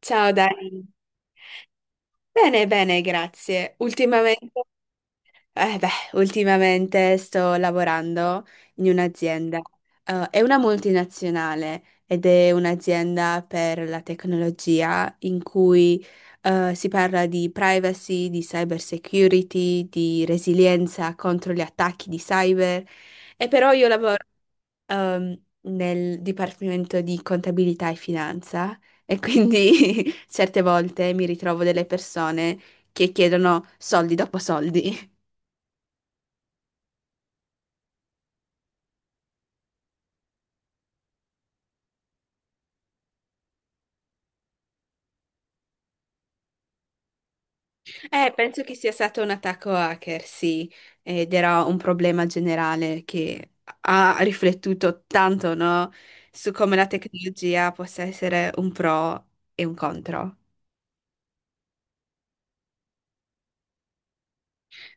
Ciao Dani. Bene, bene, grazie. Ultimamente, eh beh, ultimamente sto lavorando in un'azienda. È una multinazionale ed è un'azienda per la tecnologia in cui si parla di privacy, di cyber security, di resilienza contro gli attacchi di cyber. E però io lavoro nel dipartimento di contabilità e finanza e quindi certe volte mi ritrovo delle persone che chiedono soldi dopo soldi. Penso che sia stato un attacco hacker, sì, ed era un problema generale che ha riflettuto tanto, no, su come la tecnologia possa essere un pro e un contro.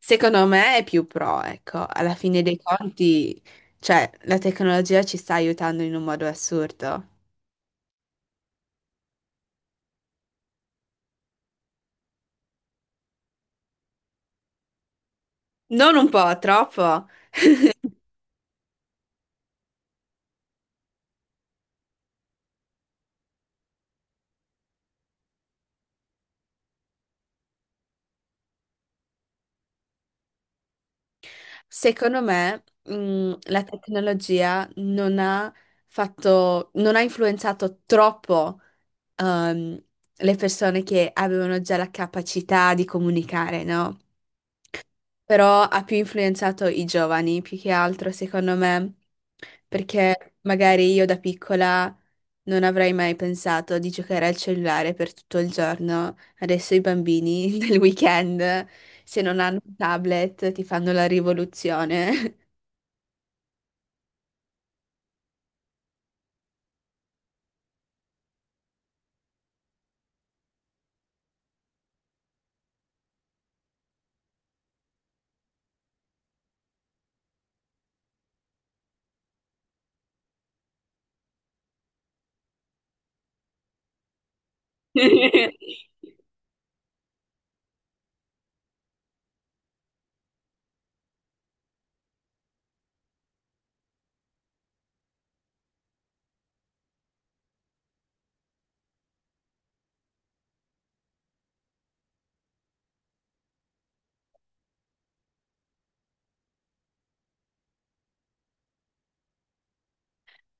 Secondo me è più pro, ecco, alla fine dei conti, cioè, la tecnologia ci sta aiutando in un modo assurdo. Non un po', troppo. Secondo me, la tecnologia non ha influenzato troppo, ehm, le persone che avevano già la capacità di comunicare, no? Però ha più influenzato i giovani, più che altro, secondo me, perché magari io da piccola non avrei mai pensato di giocare al cellulare per tutto il giorno. Adesso i bambini del weekend, se non hanno un tablet, ti fanno la rivoluzione.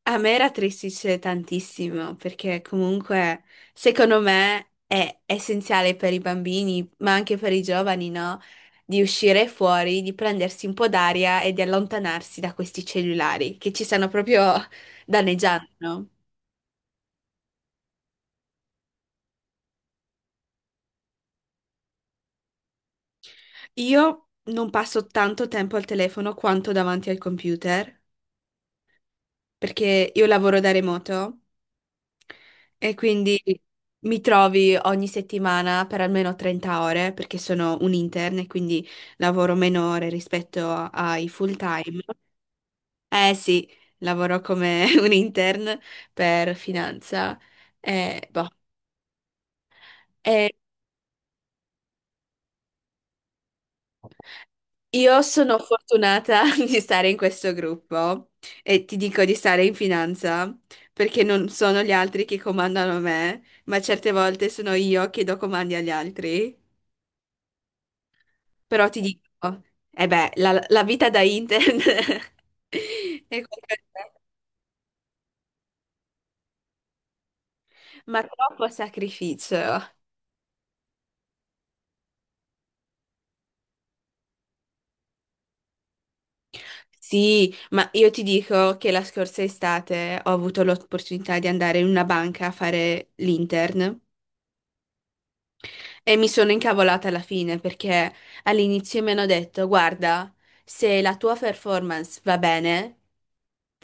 A me rattristice tantissimo perché comunque secondo me è essenziale per i bambini, ma anche per i giovani, no? Di uscire fuori, di prendersi un po' d'aria e di allontanarsi da questi cellulari che ci stanno proprio danneggiando, no? Io non passo tanto tempo al telefono quanto davanti al computer perché io lavoro da remoto. E quindi mi trovi ogni settimana per almeno 30 ore, perché sono un intern e quindi lavoro meno ore rispetto ai full time. Eh sì, lavoro come un intern per finanza. Boh. E io sono fortunata di stare in questo gruppo e ti dico di stare in finanza perché non sono gli altri che comandano me, ma certe volte sono io che do comandi agli altri. Però ti dico, la vita da intern è qualcosa, ma troppo sacrificio. Sì, ma io ti dico che la scorsa estate ho avuto l'opportunità di andare in una banca a fare l'intern e mi sono incavolata alla fine perché all'inizio mi hanno detto, guarda, se la tua performance va bene,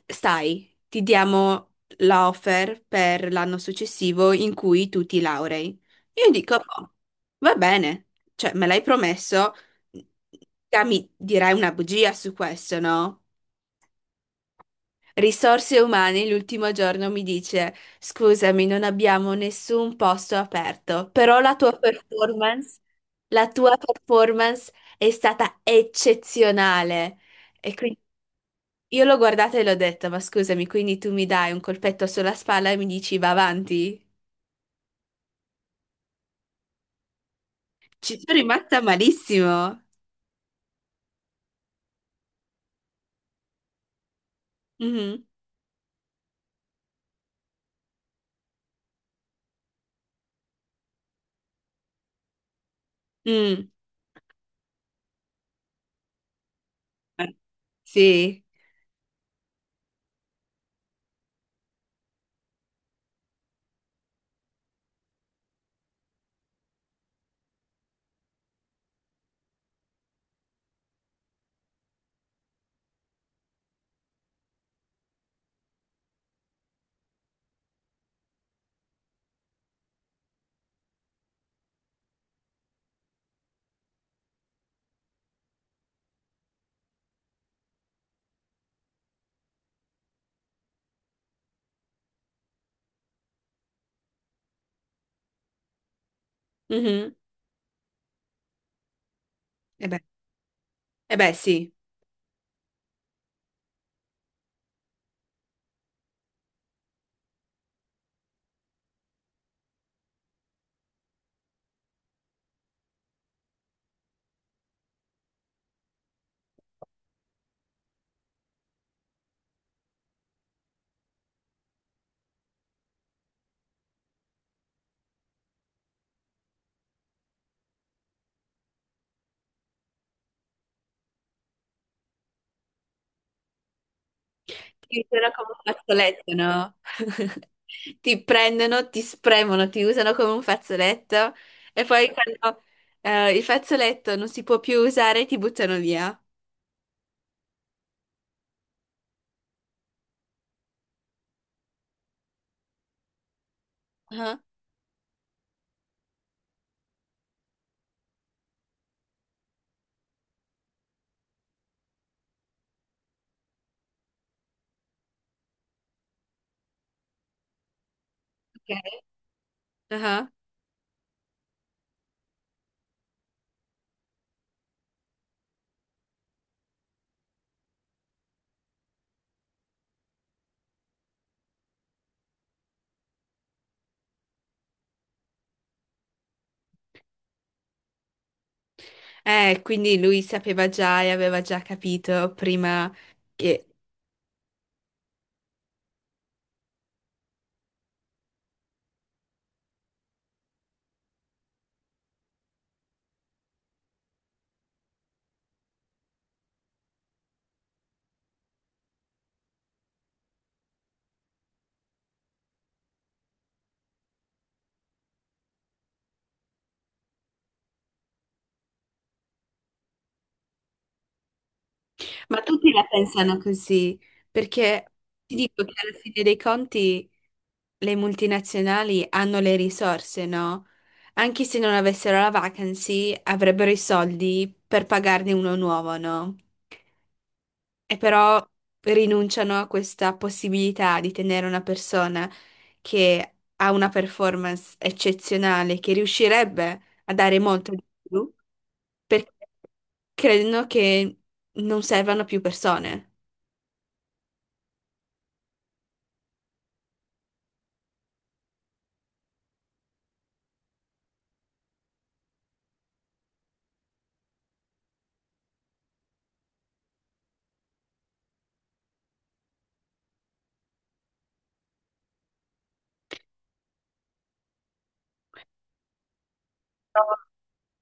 Ti diamo la offer per l'anno successivo in cui tu ti laurei. Io dico, boh, va bene, cioè me l'hai promesso, te mi dirai una bugia su questo, no? Risorse umane l'ultimo giorno mi dice, scusami, non abbiamo nessun posto aperto, però la tua performance è stata eccezionale. E quindi io l'ho guardata e l'ho detta, ma scusami, quindi tu mi dai un colpetto sulla spalla e mi dici va avanti? Ci sono rimasta malissimo. Mhm. Mm. Eh, sì. Mhm. E beh, e beh, sì. Ti usano come un fazzoletto, no? Ti prendono, ti spremono, ti usano come un fazzoletto e poi quando il fazzoletto non si può più usare, ti buttano via. Ah, ok. Quindi lui sapeva già e aveva già capito prima che... Ma tutti la pensano così, perché ti dico che alla fine dei conti le multinazionali hanno le risorse, no? Anche se non avessero la vacancy, avrebbero i soldi per pagarne uno nuovo, no? E però rinunciano a questa possibilità di tenere una persona che ha una performance eccezionale, che riuscirebbe a dare molto di più, perché credono che non servano più persone.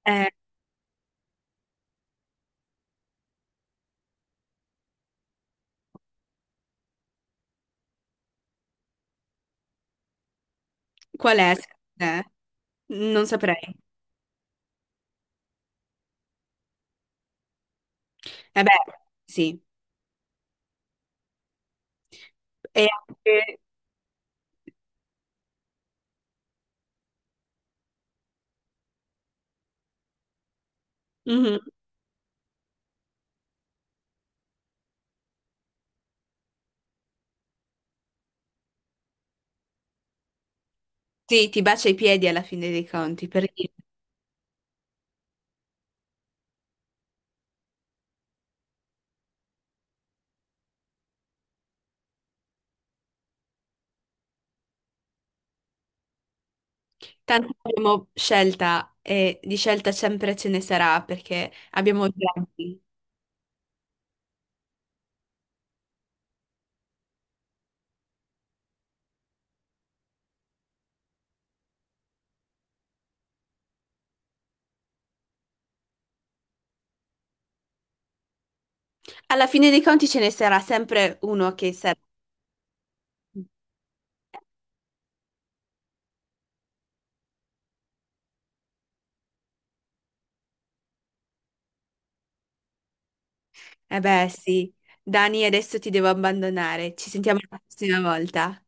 Eh, qual è, secondo te? Non saprei. Vabbè, sì. E anche... Mhm. Sì, ti bacia i piedi alla fine dei conti, per dire. Tanto abbiamo scelta e di scelta sempre ce ne sarà perché abbiamo giochi. Alla fine dei conti ce ne sarà sempre uno che sarà. Eh beh, sì. Dani, adesso ti devo abbandonare. Ci sentiamo la prossima volta.